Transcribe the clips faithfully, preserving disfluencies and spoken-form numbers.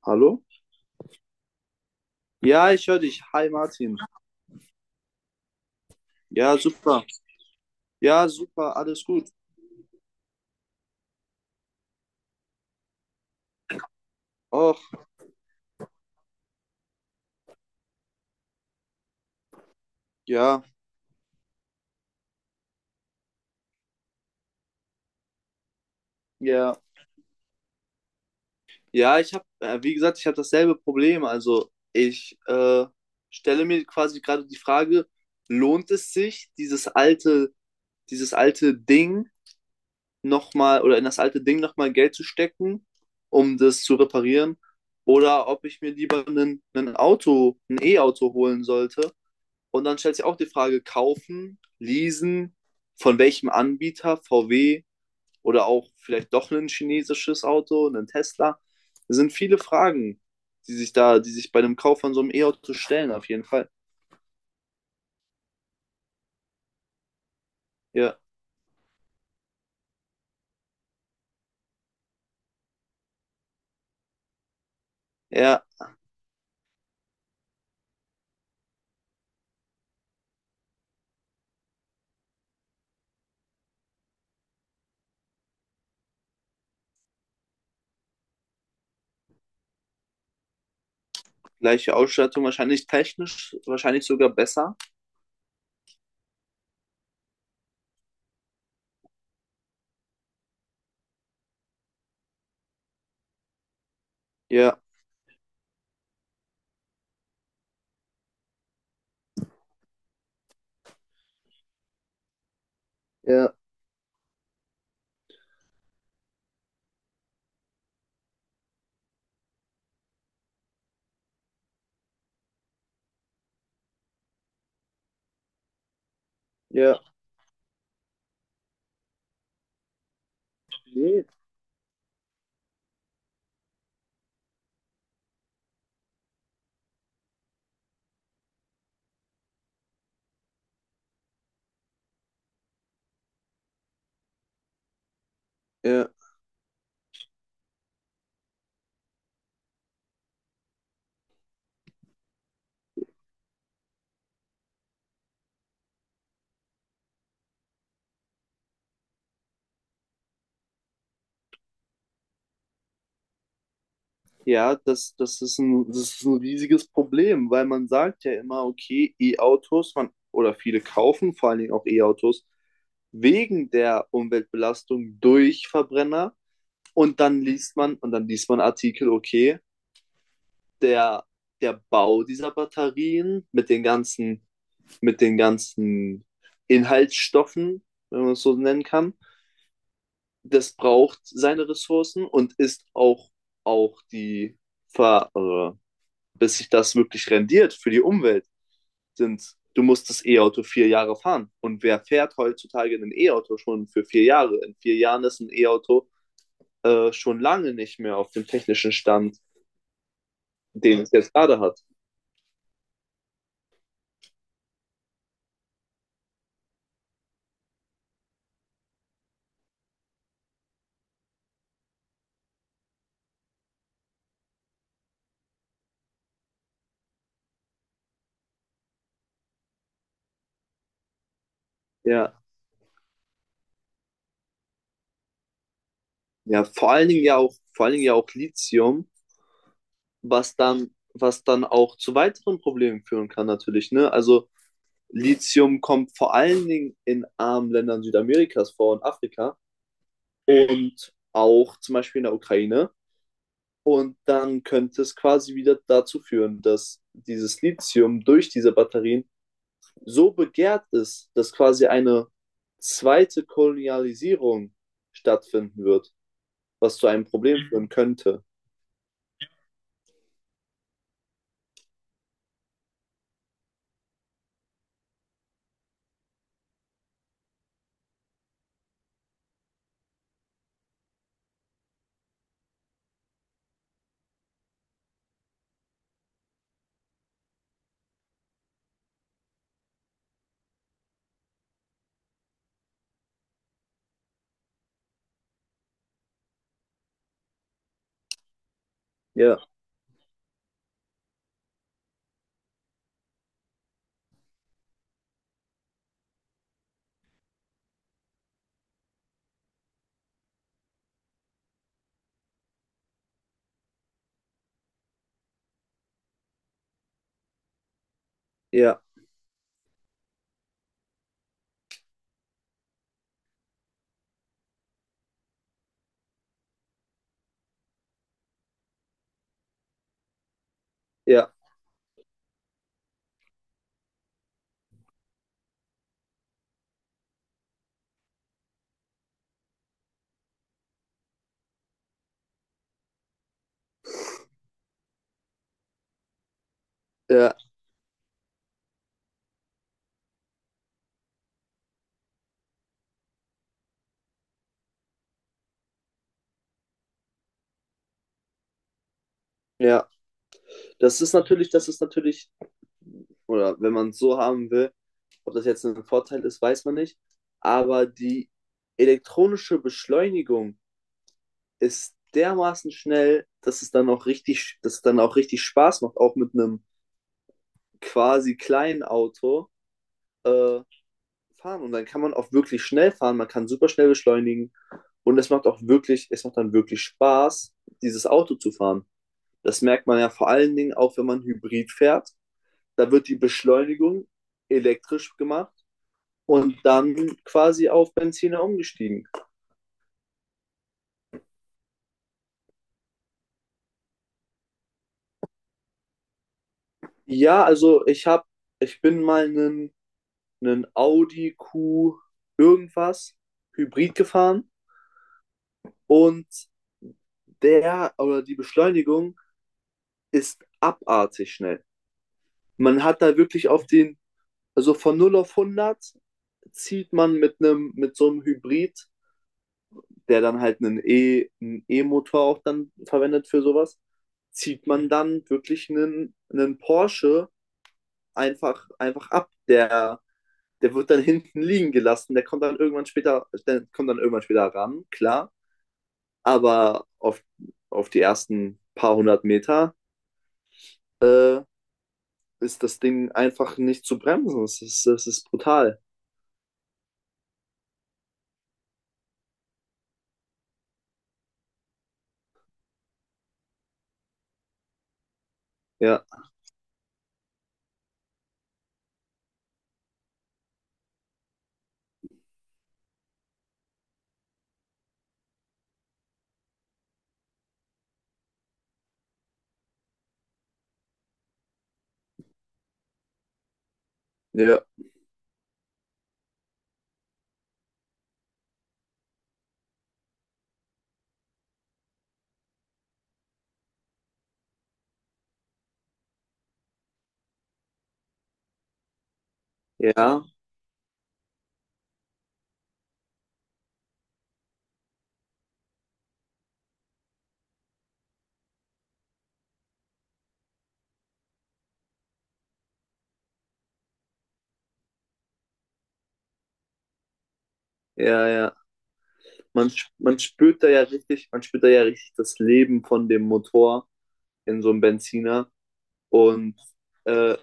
Hallo? Ja, ich höre dich. Hi Martin. Ja, super. Ja, super, alles gut. Och, ja, ja. Ja, ich habe, äh, wie gesagt, ich habe dasselbe Problem. Also ich äh, stelle mir quasi gerade die Frage, lohnt es sich, dieses alte, dieses alte Ding nochmal oder in das alte Ding nochmal Geld zu stecken, um das zu reparieren? Oder ob ich mir lieber ein Auto, ein E-Auto holen sollte. Und dann stellt sich auch die Frage, kaufen, leasen, von welchem Anbieter, V W oder auch vielleicht doch ein chinesisches Auto, ein Tesla. Es sind viele Fragen, die sich da, die sich bei dem Kauf von so einem E-Auto stellen, auf jeden Fall. Ja, ja, gleiche Ausstattung, wahrscheinlich technisch, wahrscheinlich sogar besser. Ja, ja, ja. Nee. Ja, ja, das, das ist ein, das ist ein riesiges Problem, weil man sagt ja immer, okay, E-Autos, man, oder viele kaufen vor allen Dingen auch E-Autos wegen der Umweltbelastung durch Verbrenner. Und dann liest man, und dann liest man Artikel, okay, der, der Bau dieser Batterien mit den ganzen, mit den ganzen Inhaltsstoffen, wenn man es so nennen kann, das braucht seine Ressourcen und ist auch, auch die Ver, äh, bis sich das wirklich rendiert für die Umwelt, sind, du musst das E-Auto vier Jahre fahren. Und wer fährt heutzutage ein E-Auto schon für vier Jahre? In vier Jahren ist ein E-Auto äh, schon lange nicht mehr auf dem technischen Stand, den es jetzt gerade hat. Ja, ja, vor allen Dingen ja auch, vor allen Dingen ja auch Lithium, was dann, was dann auch zu weiteren Problemen führen kann natürlich, ne? Also Lithium kommt vor allen Dingen in armen Ländern Südamerikas vor und Afrika und auch zum Beispiel in der Ukraine. Und dann könnte es quasi wieder dazu führen, dass dieses Lithium durch diese Batterien so begehrt ist, dass quasi eine zweite Kolonialisierung stattfinden wird, was zu einem Problem führen könnte. Ja, ja, ja, ja, ja. Das ist natürlich, das ist natürlich, oder wenn man es so haben will, ob das jetzt ein Vorteil ist, weiß man nicht. Aber die elektronische Beschleunigung ist dermaßen schnell, dass es dann auch richtig, dass es dann auch richtig Spaß macht, auch mit einem quasi kleinen Auto äh, fahren. Und dann kann man auch wirklich schnell fahren, man kann super schnell beschleunigen und es macht auch wirklich, es macht dann wirklich Spaß, dieses Auto zu fahren. Das merkt man ja vor allen Dingen auch, wenn man Hybrid fährt. Da wird die Beschleunigung elektrisch gemacht und dann quasi auf Benziner umgestiegen. Ja, also ich habe, ich bin mal einen einen Audi Q irgendwas Hybrid gefahren und der oder die Beschleunigung ist abartig schnell. Man hat da wirklich auf den, also von null auf hundert zieht man mit einem, mit so einem Hybrid, der dann halt einen E, einen E-Motor auch dann verwendet für sowas, zieht man dann wirklich einen, einen Porsche einfach, einfach ab. Der der wird dann hinten liegen gelassen, der kommt dann irgendwann später, der kommt dann irgendwann später ran, klar, aber auf, auf die ersten paar hundert Meter äh, ist das Ding einfach nicht zu bremsen. Das ist, das ist brutal. Ja, ja, ja, ja, ja. Man, man spürt da ja richtig, man spürt da ja richtig das Leben von dem Motor in so einem Benziner und äh,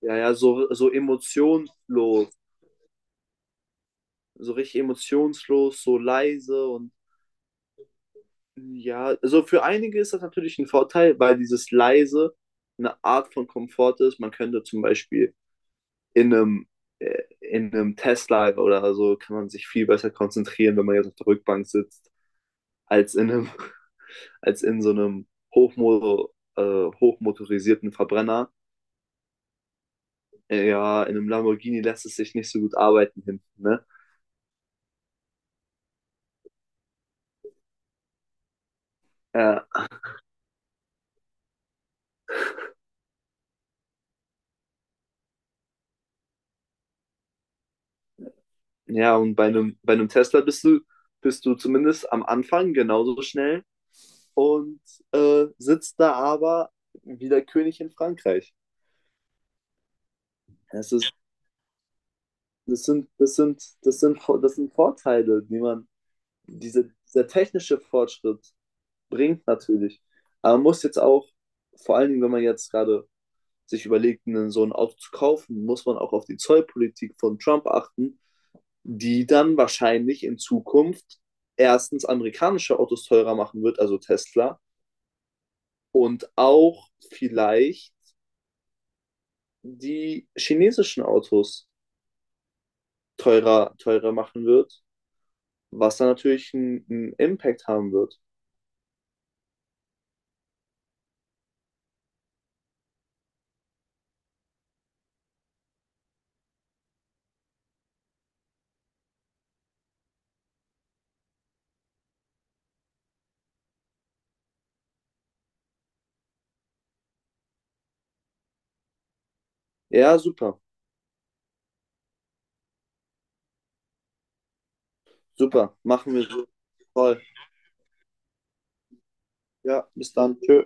ja, ja, so, so emotionslos, so richtig emotionslos, so leise und. Ja, also für einige ist das natürlich ein Vorteil, weil dieses leise eine Art von Komfort ist. Man könnte zum Beispiel in einem, äh, in einem Tesla oder so kann man sich viel besser konzentrieren, wenn man jetzt auf der Rückbank sitzt, als in einem, als in so einem hochmo äh, hochmotorisierten Verbrenner. Äh, Ja, in einem Lamborghini lässt es sich nicht so gut arbeiten hinten, ne? Äh, ja, und bei einem, bei einem Tesla bist du, bist du zumindest am Anfang genauso schnell und äh, sitzt da aber wie der König in Frankreich. Das, ist, das, sind, das, sind, das, sind, das sind Vorteile, die man, diese, dieser technische Fortschritt bringt natürlich. Aber man muss jetzt auch, vor allen Dingen, wenn man jetzt gerade sich überlegt, einen so ein Auto zu kaufen, muss man auch auf die Zollpolitik von Trump achten, die dann wahrscheinlich in Zukunft erstens amerikanische Autos teurer machen wird, also Tesla, und auch vielleicht die chinesischen Autos teurer, teurer machen wird, was dann natürlich einen, einen Impact haben wird. Ja, super, super, machen wir so. Toll. Ja, bis dann. Tschö.